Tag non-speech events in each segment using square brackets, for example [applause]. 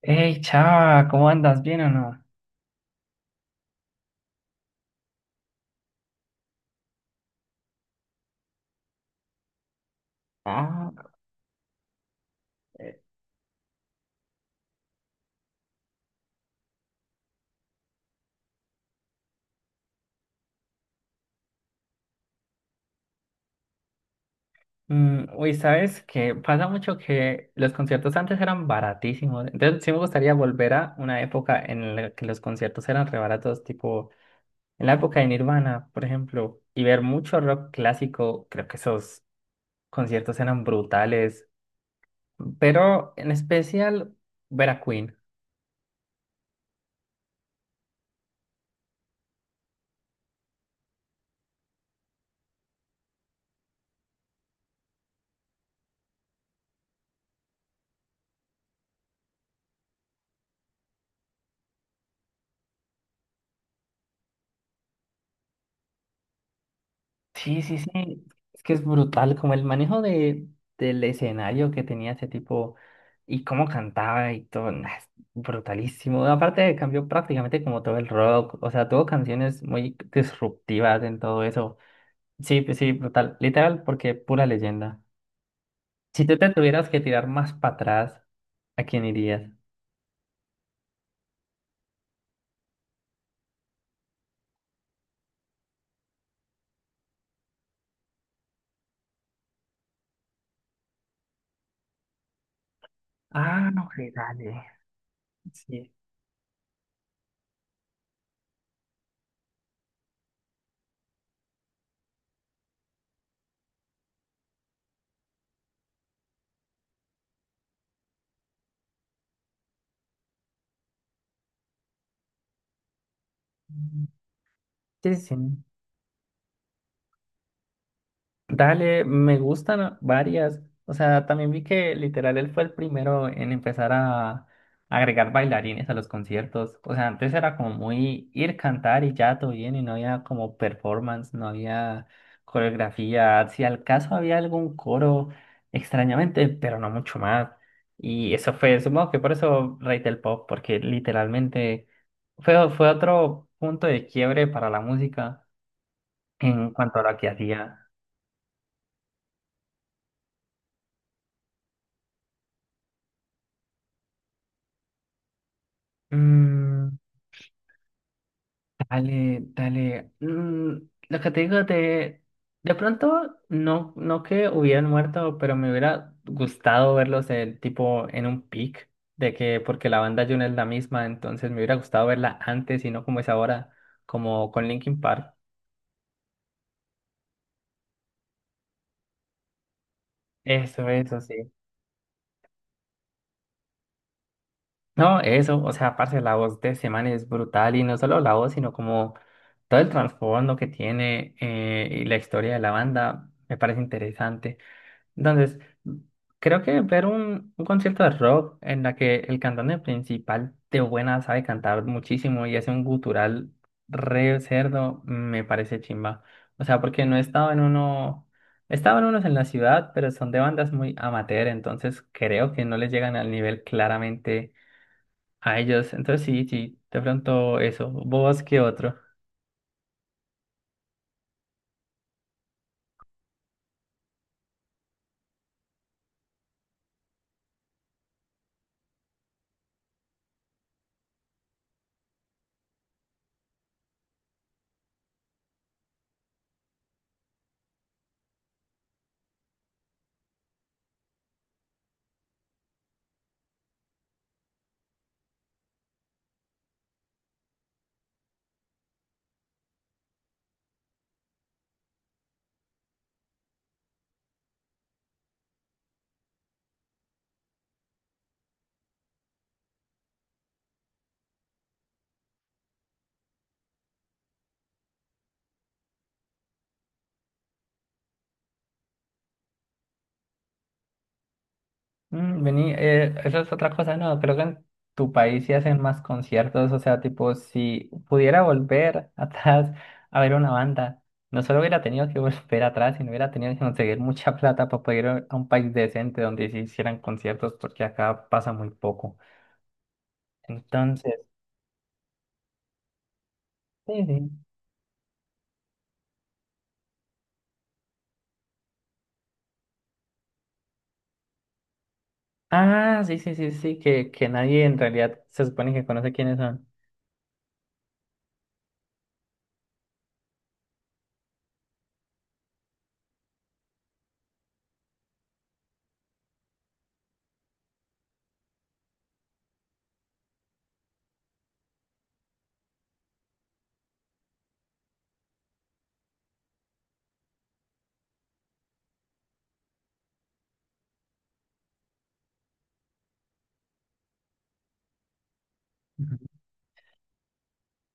Hey, Chava, ¿cómo andas? ¿Bien o no? Ah, eh, uy, ¿sabes? Que pasa mucho que los conciertos antes eran baratísimos. Entonces, sí me gustaría volver a una época en la que los conciertos eran re baratos, tipo en la época de Nirvana, por ejemplo, y ver mucho rock clásico. Creo que esos conciertos eran brutales. Pero en especial ver a Queen. Sí, sí, sí. Es que es brutal como el manejo del escenario que tenía ese tipo y cómo cantaba y todo. Nah, es brutalísimo. Aparte cambió prácticamente como todo el rock. O sea, tuvo canciones muy disruptivas en todo eso. Sí, pues sí, brutal. Literal, porque pura leyenda. Si tú te tuvieras que tirar más para atrás, ¿a quién irías? Ah, no, que dale. Sí. Sí, sí. Dale, me gustan varias. O sea, también vi que literal él fue el primero en empezar a agregar bailarines a los conciertos. O sea, antes era como muy ir cantar y ya todo bien y no había como performance, no había coreografía. Si al caso había algún coro, extrañamente, pero no mucho más. Y eso fue, supongo que por eso Rey del Pop, porque literalmente fue otro punto de quiebre para la música en cuanto a lo que hacía. Mm, dale, dale. Lo que te digo de pronto, no, no que hubieran muerto, pero me hubiera gustado verlos en, tipo en un pic, de que, porque la banda June es la misma, entonces me hubiera gustado verla antes y no como es ahora, como con Linkin Park. Eso, sí. No, eso, o sea, aparte la voz de Semana es brutal y no solo la voz, sino como todo el trasfondo que tiene y la historia de la banda, me parece interesante. Entonces, creo que ver un concierto de rock en la que el cantante principal de buena sabe cantar muchísimo y hace un gutural re cerdo, me parece chimba. O sea, porque no estaba en uno, estaban unos en la ciudad, pero son de bandas muy amateur, entonces creo que no les llegan al nivel claramente a ellos. Entonces sí, sí, de pronto eso. ¿Vos qué otro? Mm, vení, eso es otra cosa, no, creo que en tu país sí hacen más conciertos, o sea, tipo, si pudiera volver [laughs] atrás a ver una banda, no solo hubiera tenido que volver atrás, sino hubiera tenido que conseguir mucha [laughs] plata para poder ir a un país decente donde se hicieran conciertos, porque acá pasa muy poco. Entonces, sí, sí. Ah, sí, sí, sí, sí, que nadie en realidad se supone que conoce quiénes son.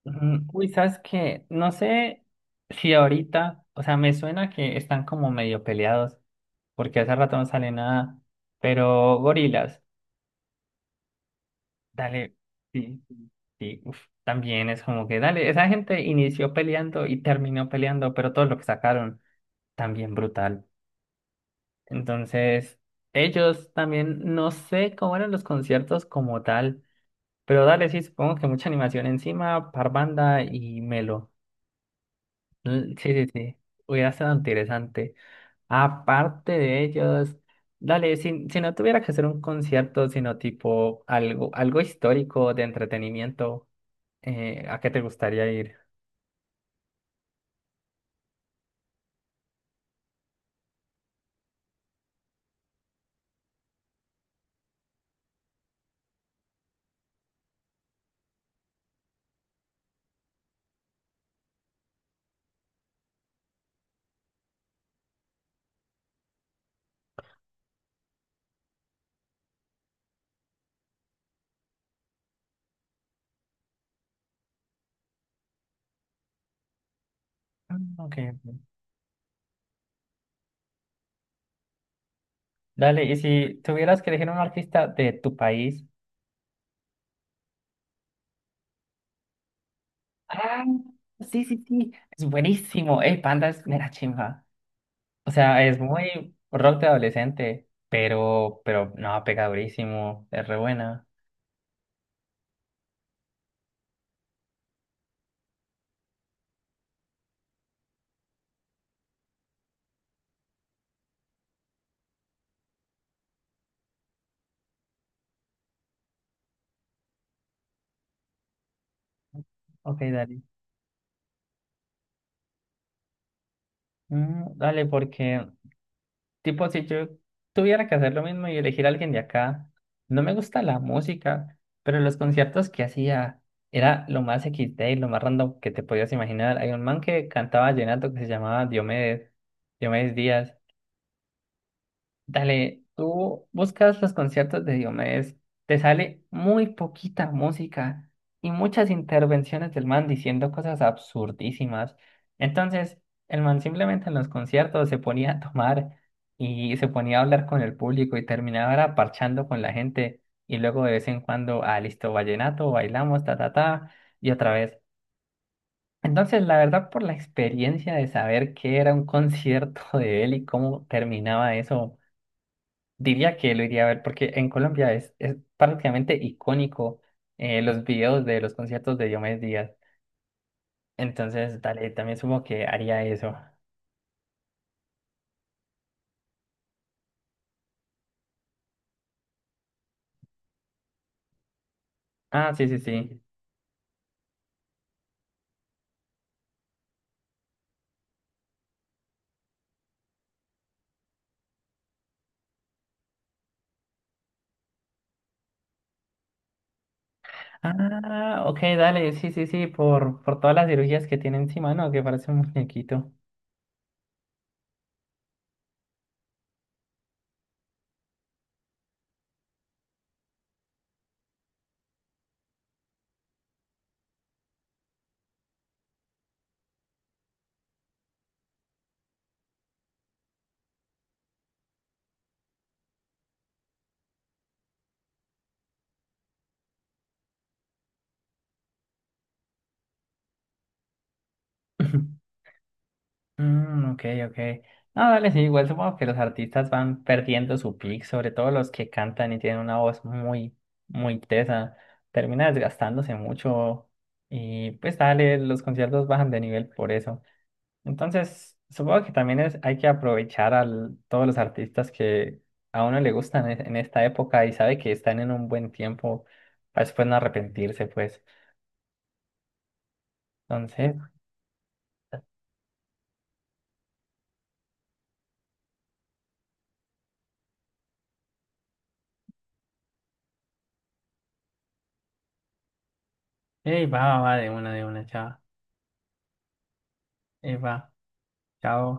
Ujú. Uy, sabes que no sé si ahorita, o sea, me suena que están como medio peleados, porque hace rato no sale nada, pero gorilas, dale, sí, sí, sí, uf, también es como que, dale, esa gente inició peleando y terminó peleando, pero todo lo que sacaron, también brutal. Entonces, ellos también, no sé cómo eran los conciertos como tal, pero dale, sí, supongo que mucha animación encima, Parvanda y Melo. Mm, sí, sí, sí. Hubiera sido interesante. Aparte de ellos, dale, si, si no tuviera que hacer un concierto, sino tipo algo, algo histórico de entretenimiento, ¿a qué te gustaría ir? Ah, ok. Ok. Dale, y si tuvieras que elegir un artista de tu país. Ah, sí, sí, sí. Es buenísimo. El Panda es mera chimba. O sea, es muy rock de adolescente, pero no, pega durísimo. Es re buena. Ok, dale. Mm, dale, porque, tipo, si yo tuviera que hacer lo mismo y elegir a alguien de acá, no me gusta la música, pero los conciertos que hacía era lo más XD y lo más random que te podías imaginar. Hay un man que cantaba vallenato que se llamaba Diomedes, Diomedes Díaz. Dale, tú buscas los conciertos de Diomedes, te sale muy poquita música y muchas intervenciones del man diciendo cosas absurdísimas. Entonces, el man simplemente en los conciertos se ponía a tomar y se ponía a hablar con el público y terminaba era parchando con la gente y luego de vez en cuando, ah, listo, vallenato, bailamos, ta, ta, ta, y otra vez. Entonces, la verdad, por la experiencia de saber qué era un concierto de él y cómo terminaba eso. Diría que lo iría a ver porque en Colombia es prácticamente icónico, los videos de los conciertos de Diomedes Díaz. Entonces, dale, también supongo que haría eso. Ah, sí, sí, sí. Ah, ok, dale, sí, sí, sí, por todas las cirugías que tiene encima, ¿no? Que parece un muñequito. [laughs] Mm, ok, ok. No, dale, sí, igual supongo que los artistas van perdiendo su pick, sobre todo los que cantan y tienen una voz muy, muy tesa. Termina desgastándose mucho y pues dale, los conciertos bajan de nivel por eso. Entonces, supongo que también es, hay que aprovechar a todos los artistas que a uno le gustan en esta época y sabe que están en un buen tiempo para después no arrepentirse, pues. Entonces, ey, va, va, va, de una, chao. Ey, va, chao.